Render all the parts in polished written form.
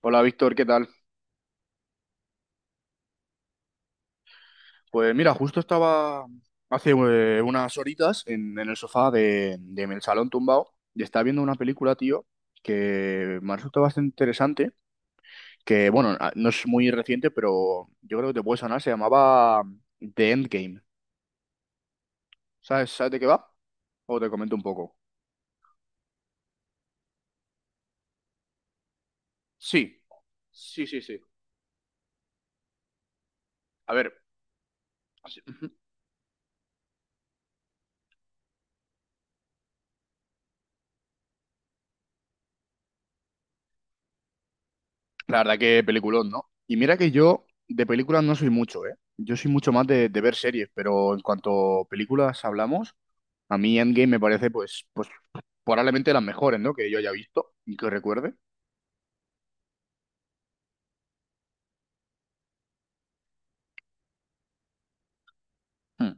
Hola Víctor, ¿qué tal? Pues mira, justo estaba hace unas horitas en el sofá de mi salón tumbado y estaba viendo una película, tío, que me ha resultado bastante interesante, que bueno, no es muy reciente, pero yo creo que te puede sonar, se llamaba The Endgame. ¿Sabes de qué va? O te comento un poco. Sí, sí, sí, sí. A ver, la verdad que peliculón, ¿no? Y mira que yo de películas no soy mucho, ¿eh? Yo soy mucho más de ver series, pero en cuanto a películas hablamos, a mí Endgame me parece, pues, pues probablemente las mejores, ¿no? Que yo haya visto y que recuerde. Hmm.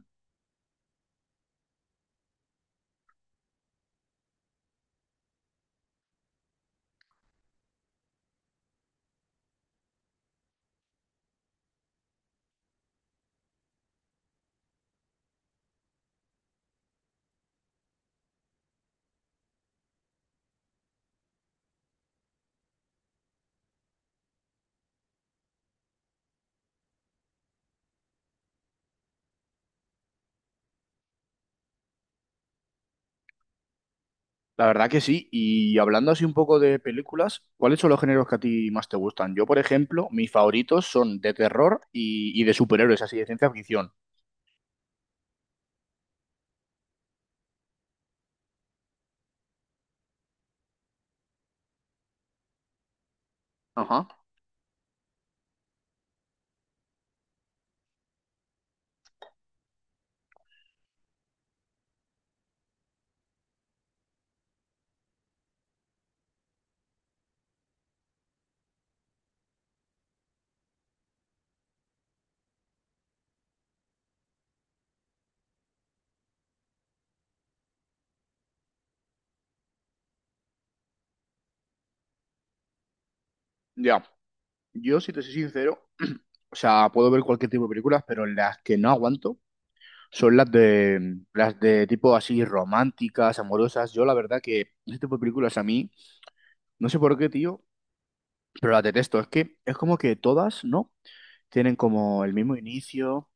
La verdad que sí. Y hablando así un poco de películas, ¿cuáles son los géneros que a ti más te gustan? Yo, por ejemplo, mis favoritos son de terror y de superhéroes, así de ciencia ficción. Ajá. Ya. Yo, si te soy sincero, o sea, puedo ver cualquier tipo de películas, pero las que no aguanto son las de tipo así románticas, amorosas. Yo la verdad que ese tipo de películas a mí, no sé por qué, tío, pero las detesto. Es que es como que todas, ¿no? Tienen como el mismo inicio,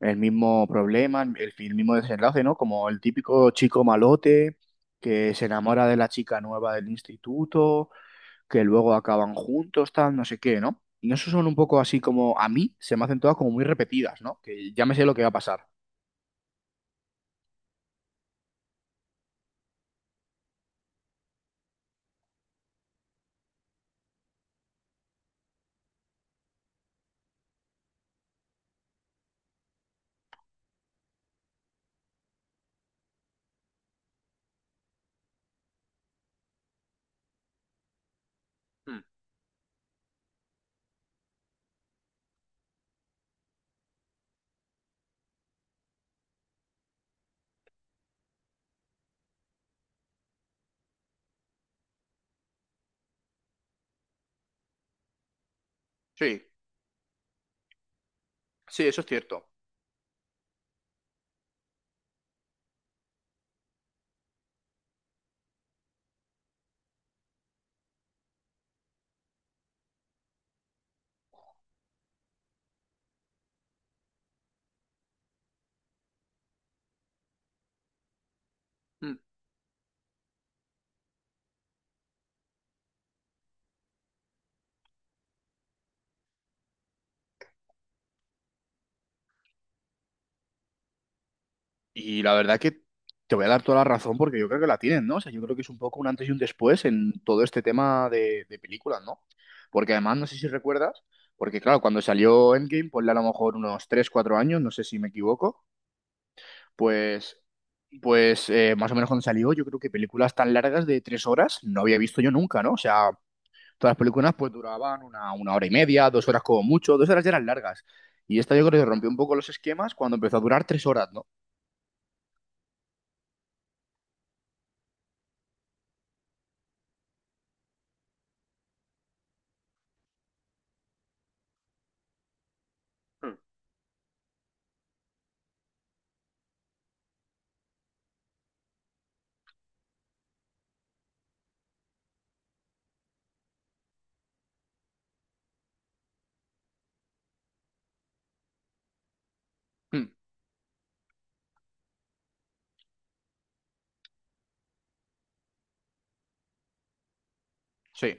el mismo problema, el mismo desenlace, ¿no? Como el típico chico malote que se enamora de la chica nueva del instituto, que luego acaban juntos, tal, no sé qué, ¿no? Y eso son un poco así como, a mí se me hacen todas como muy repetidas, ¿no? Que ya me sé lo que va a pasar. Mm, Sí, sí, eso es cierto. Mm. Y la verdad que te voy a dar toda la razón porque yo creo que la tienen, ¿no? O sea, yo creo que es un poco un antes y un después en todo este tema de películas, ¿no? Porque además, no sé si recuerdas, porque claro, cuando salió Endgame, ponle a lo mejor unos 3 4 años, no sé si me equivoco, pues, pues más o menos cuando salió, yo creo que películas tan largas de 3 horas no había visto yo nunca, ¿no? O sea, todas las películas pues duraban una hora y media, dos horas como mucho, dos horas ya eran largas. Y esta yo creo que rompió un poco los esquemas cuando empezó a durar 3 horas, ¿no? Mm, sí,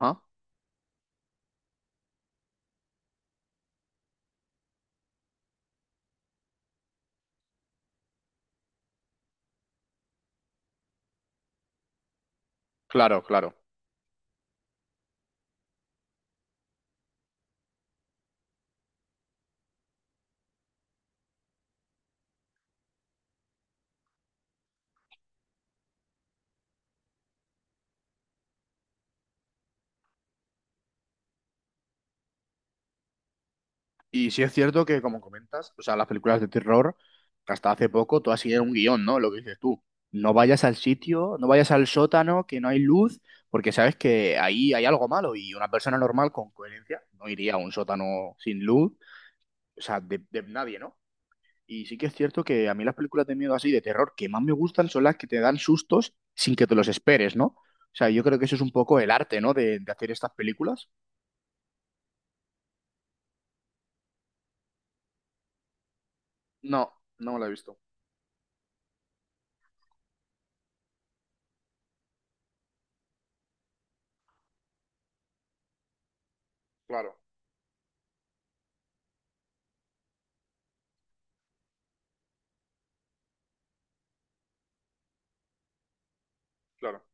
ah, claro, claro. Y sí es cierto que, como comentas, o sea, las películas de terror, hasta hace poco, todas siguen un guión, ¿no? Lo que dices tú. No vayas al sitio, no vayas al sótano, que no hay luz, porque sabes que ahí hay algo malo y una persona normal con coherencia no iría a un sótano sin luz, o sea, de nadie, ¿no? Y sí que es cierto que a mí las películas de miedo así, de terror, que más me gustan son las que te dan sustos sin que te los esperes, ¿no? O sea, yo creo que eso es un poco el arte, ¿no? De hacer estas películas. No, no me la he visto. Claro, claro.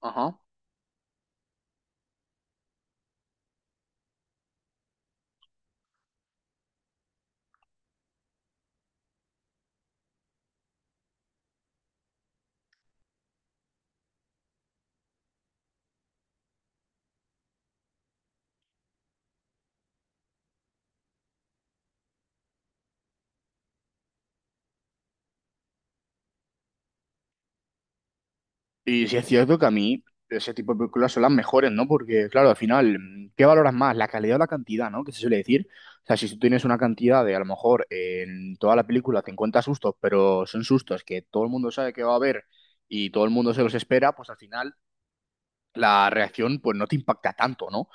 Ajá. Y sí es cierto que a mí ese tipo de películas son las mejores, ¿no? Porque, claro, al final, ¿qué valoras más? ¿La calidad o la cantidad, ¿no? Que se suele decir. O sea, si tú tienes una cantidad de, a lo mejor, en toda la película te encuentras sustos, pero son sustos que todo el mundo sabe que va a haber y todo el mundo se los espera, pues al final la reacción, pues no te impacta tanto, ¿no?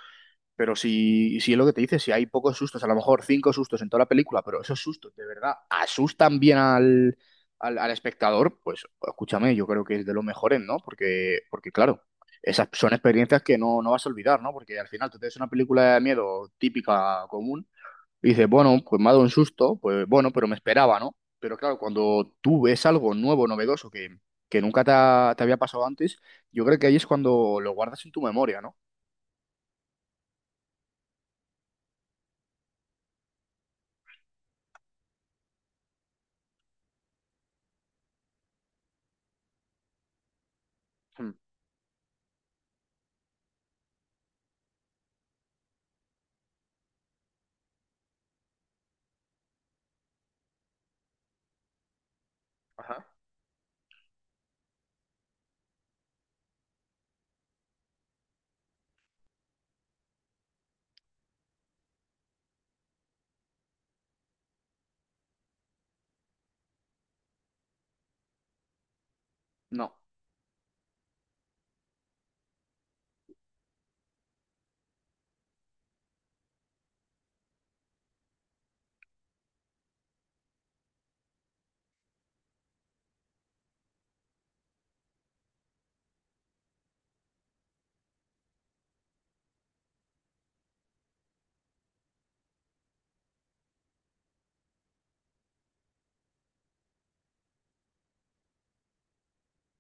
Pero si es lo que te dice, si hay pocos sustos, a lo mejor cinco sustos en toda la película, pero esos sustos de verdad asustan bien al espectador, pues escúchame, yo creo que es de los mejores, ¿no? Porque, porque claro, esas son experiencias que no vas a olvidar, ¿no? Porque al final tú te ves una película de miedo típica, común, y dices, bueno, pues me ha dado un susto, pues bueno, pero me esperaba, ¿no? Pero claro, cuando tú ves algo nuevo, novedoso, que nunca te había pasado antes, yo creo que ahí es cuando lo guardas en tu memoria, ¿no? Hmm. Ajá. No.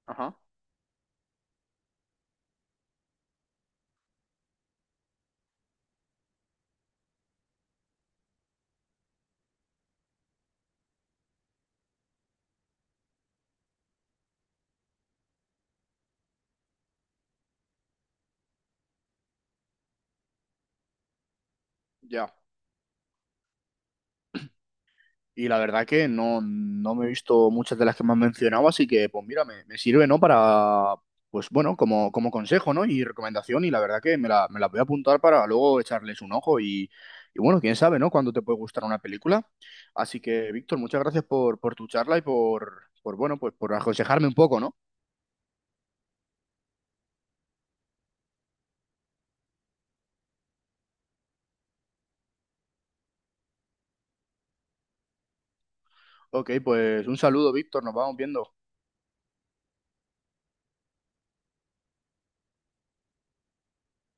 Ajá, ya. Y la verdad que no, no me he visto muchas de las que me has mencionado, así que pues mira, me sirve, ¿no? Para, pues bueno, como, como consejo, ¿no? Y recomendación, y la verdad que me la voy a apuntar para luego echarles un ojo y bueno, quién sabe, ¿no? Cuándo te puede gustar una película. Así que, Víctor, muchas gracias por tu charla y por, bueno, pues por aconsejarme un poco, ¿no? Ok, pues un saludo, Víctor, nos vamos viendo.